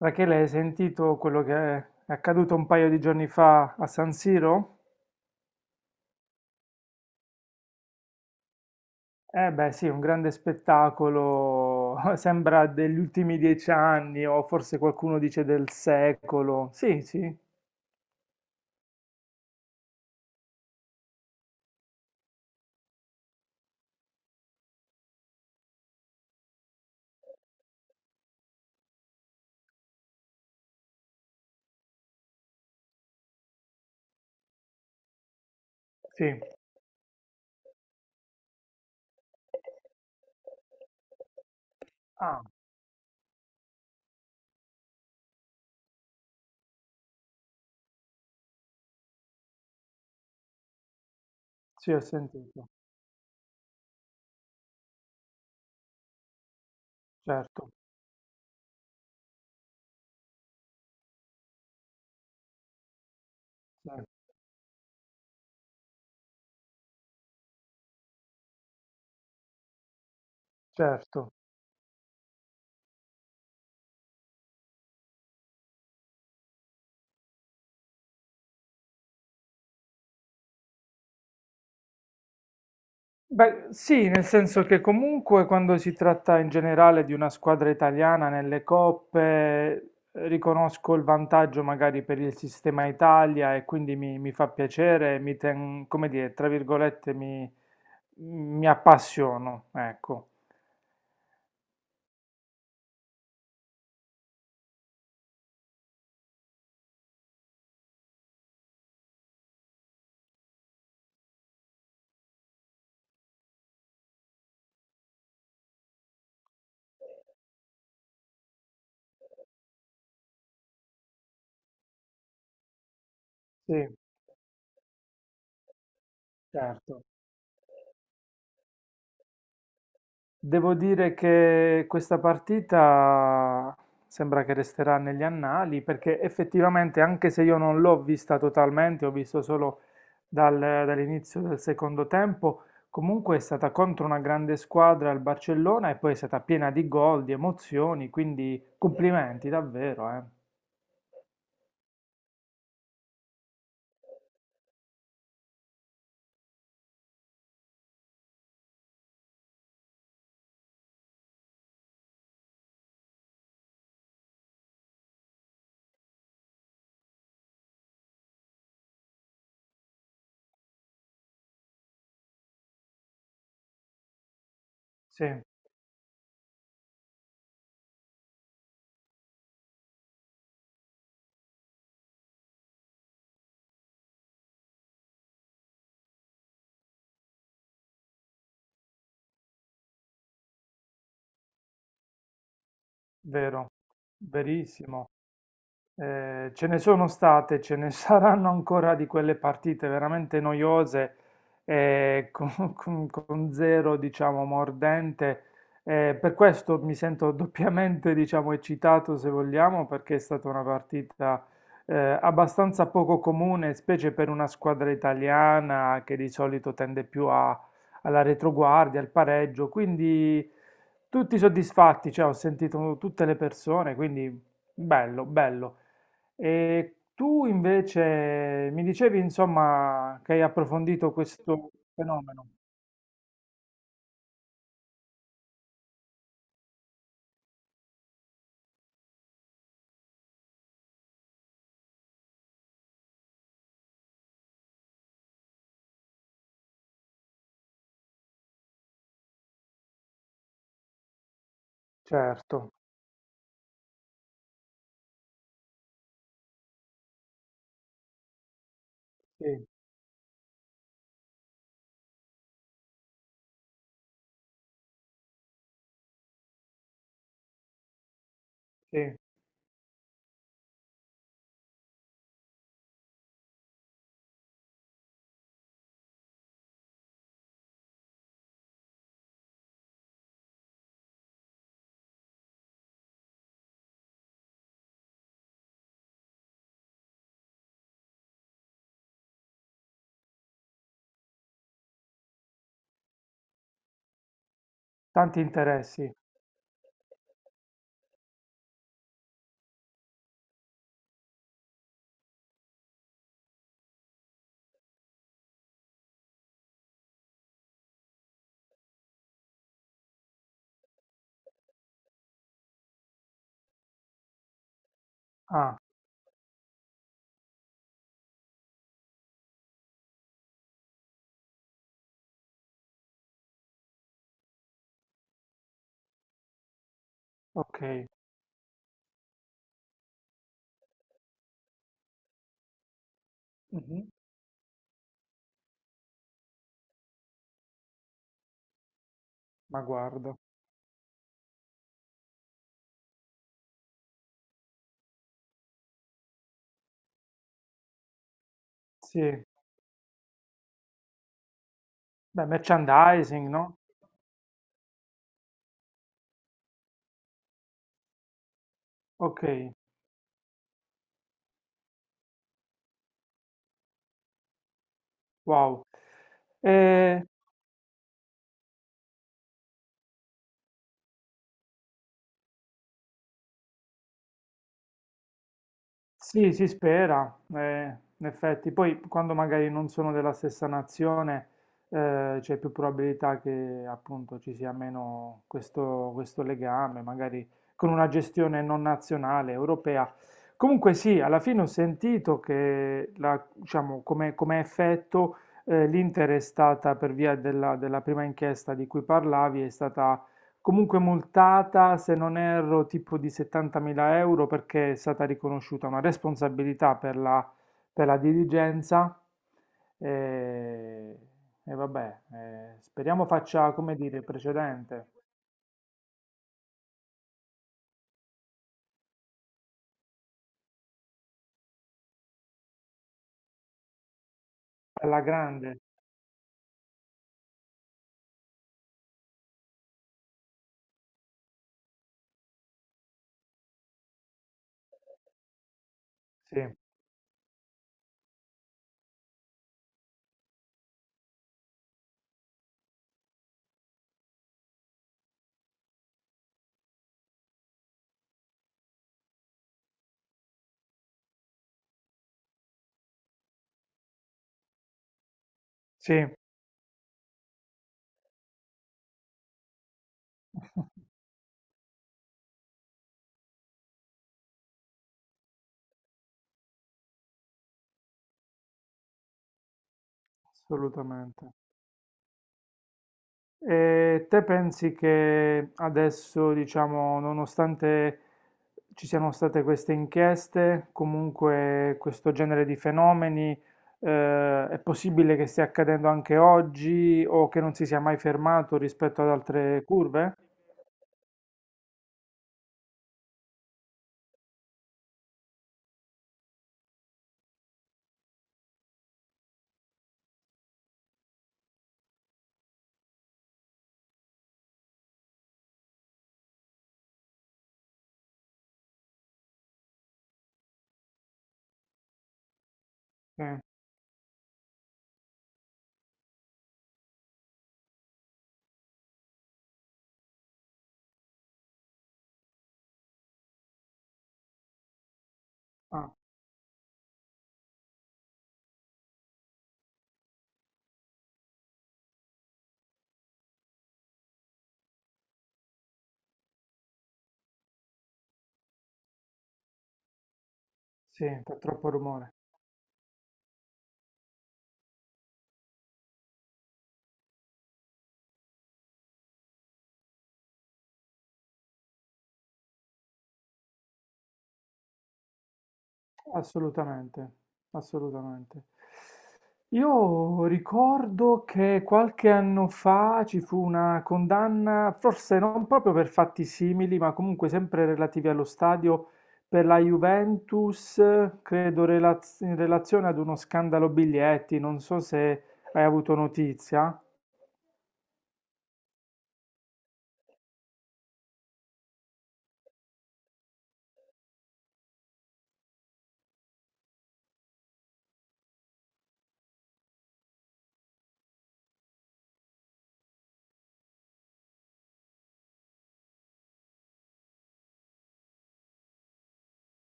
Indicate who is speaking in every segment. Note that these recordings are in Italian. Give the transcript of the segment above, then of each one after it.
Speaker 1: Rachele, hai sentito quello che è accaduto un paio di giorni fa a San Siro? Eh beh, sì, un grande spettacolo, sembra degli ultimi dieci anni o forse qualcuno dice del secolo. Sì, sì, sì. Ah, sì, ho sentito, certo, sì, certo. Beh, sì, nel senso che comunque quando si tratta in generale di una squadra italiana nelle coppe, riconosco il vantaggio magari per il sistema Italia e quindi mi fa piacere, come dire, tra virgolette, mi appassiono, ecco. Sì, certo. Devo dire che questa partita sembra che resterà negli annali perché effettivamente, anche se io non l'ho vista totalmente, ho visto solo dall'inizio del secondo tempo, comunque è stata contro una grande squadra il Barcellona e poi è stata piena di gol, di emozioni, quindi complimenti davvero, eh. Sì, vero, verissimo. Ce ne sono state, ce ne saranno ancora di quelle partite veramente noiose, con, con zero, diciamo, mordente. Per questo mi sento doppiamente, diciamo, eccitato, se vogliamo, perché è stata una partita, abbastanza poco comune, specie per una squadra italiana che di solito tende più alla retroguardia, al pareggio. Quindi tutti soddisfatti, cioè, ho sentito tutte le persone, quindi bello, bello. E tu invece mi dicevi, insomma, che hai approfondito questo fenomeno. Certo, sì, sì. Tanti interessi. Ah, ok. Mhm. Ma guarda. Sì, beh, merchandising, no? Ok, wow. Eh, sì, si spera, in effetti. Poi quando magari non sono della stessa nazione, c'è più probabilità che appunto ci sia meno questo, questo legame, magari con una gestione non nazionale, europea. Comunque sì, alla fine ho sentito che diciamo, come, come effetto, l'Inter è stata, per via della, della prima inchiesta di cui parlavi, è stata comunque multata, se non erro, tipo di 70.000 euro perché è stata riconosciuta una responsabilità per la dirigenza. E, e vabbè, speriamo faccia, come dire, precedente. Alla grande, sì, sì, assolutamente. E te pensi che adesso, diciamo, nonostante ci siano state queste inchieste, comunque questo genere di fenomeni, è possibile che stia accadendo anche oggi o che non si sia mai fermato rispetto ad altre curve? Sì. Ah, sì, fa troppo rumore. Assolutamente, assolutamente. Io ricordo che qualche anno fa ci fu una condanna, forse non proprio per fatti simili, ma comunque sempre relativi allo stadio per la Juventus, credo in relazione ad uno scandalo biglietti, non so se hai avuto notizia.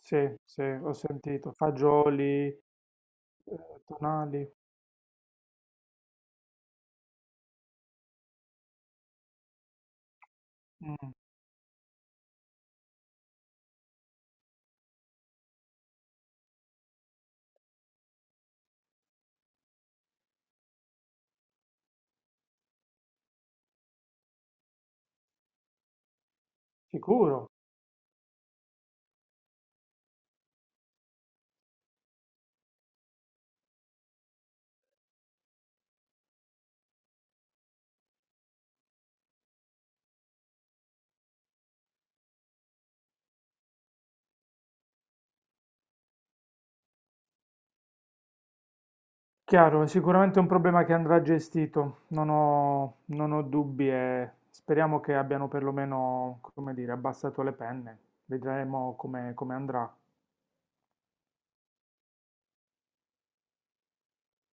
Speaker 1: Sì, sì, ho sentito. Fagioli, Tonali. Mm, sicuro. Chiaro, è sicuramente un problema che andrà gestito, non ho, non ho dubbi e speriamo che abbiamo perlomeno, come dire, abbassato le penne. Vedremo come come andrà.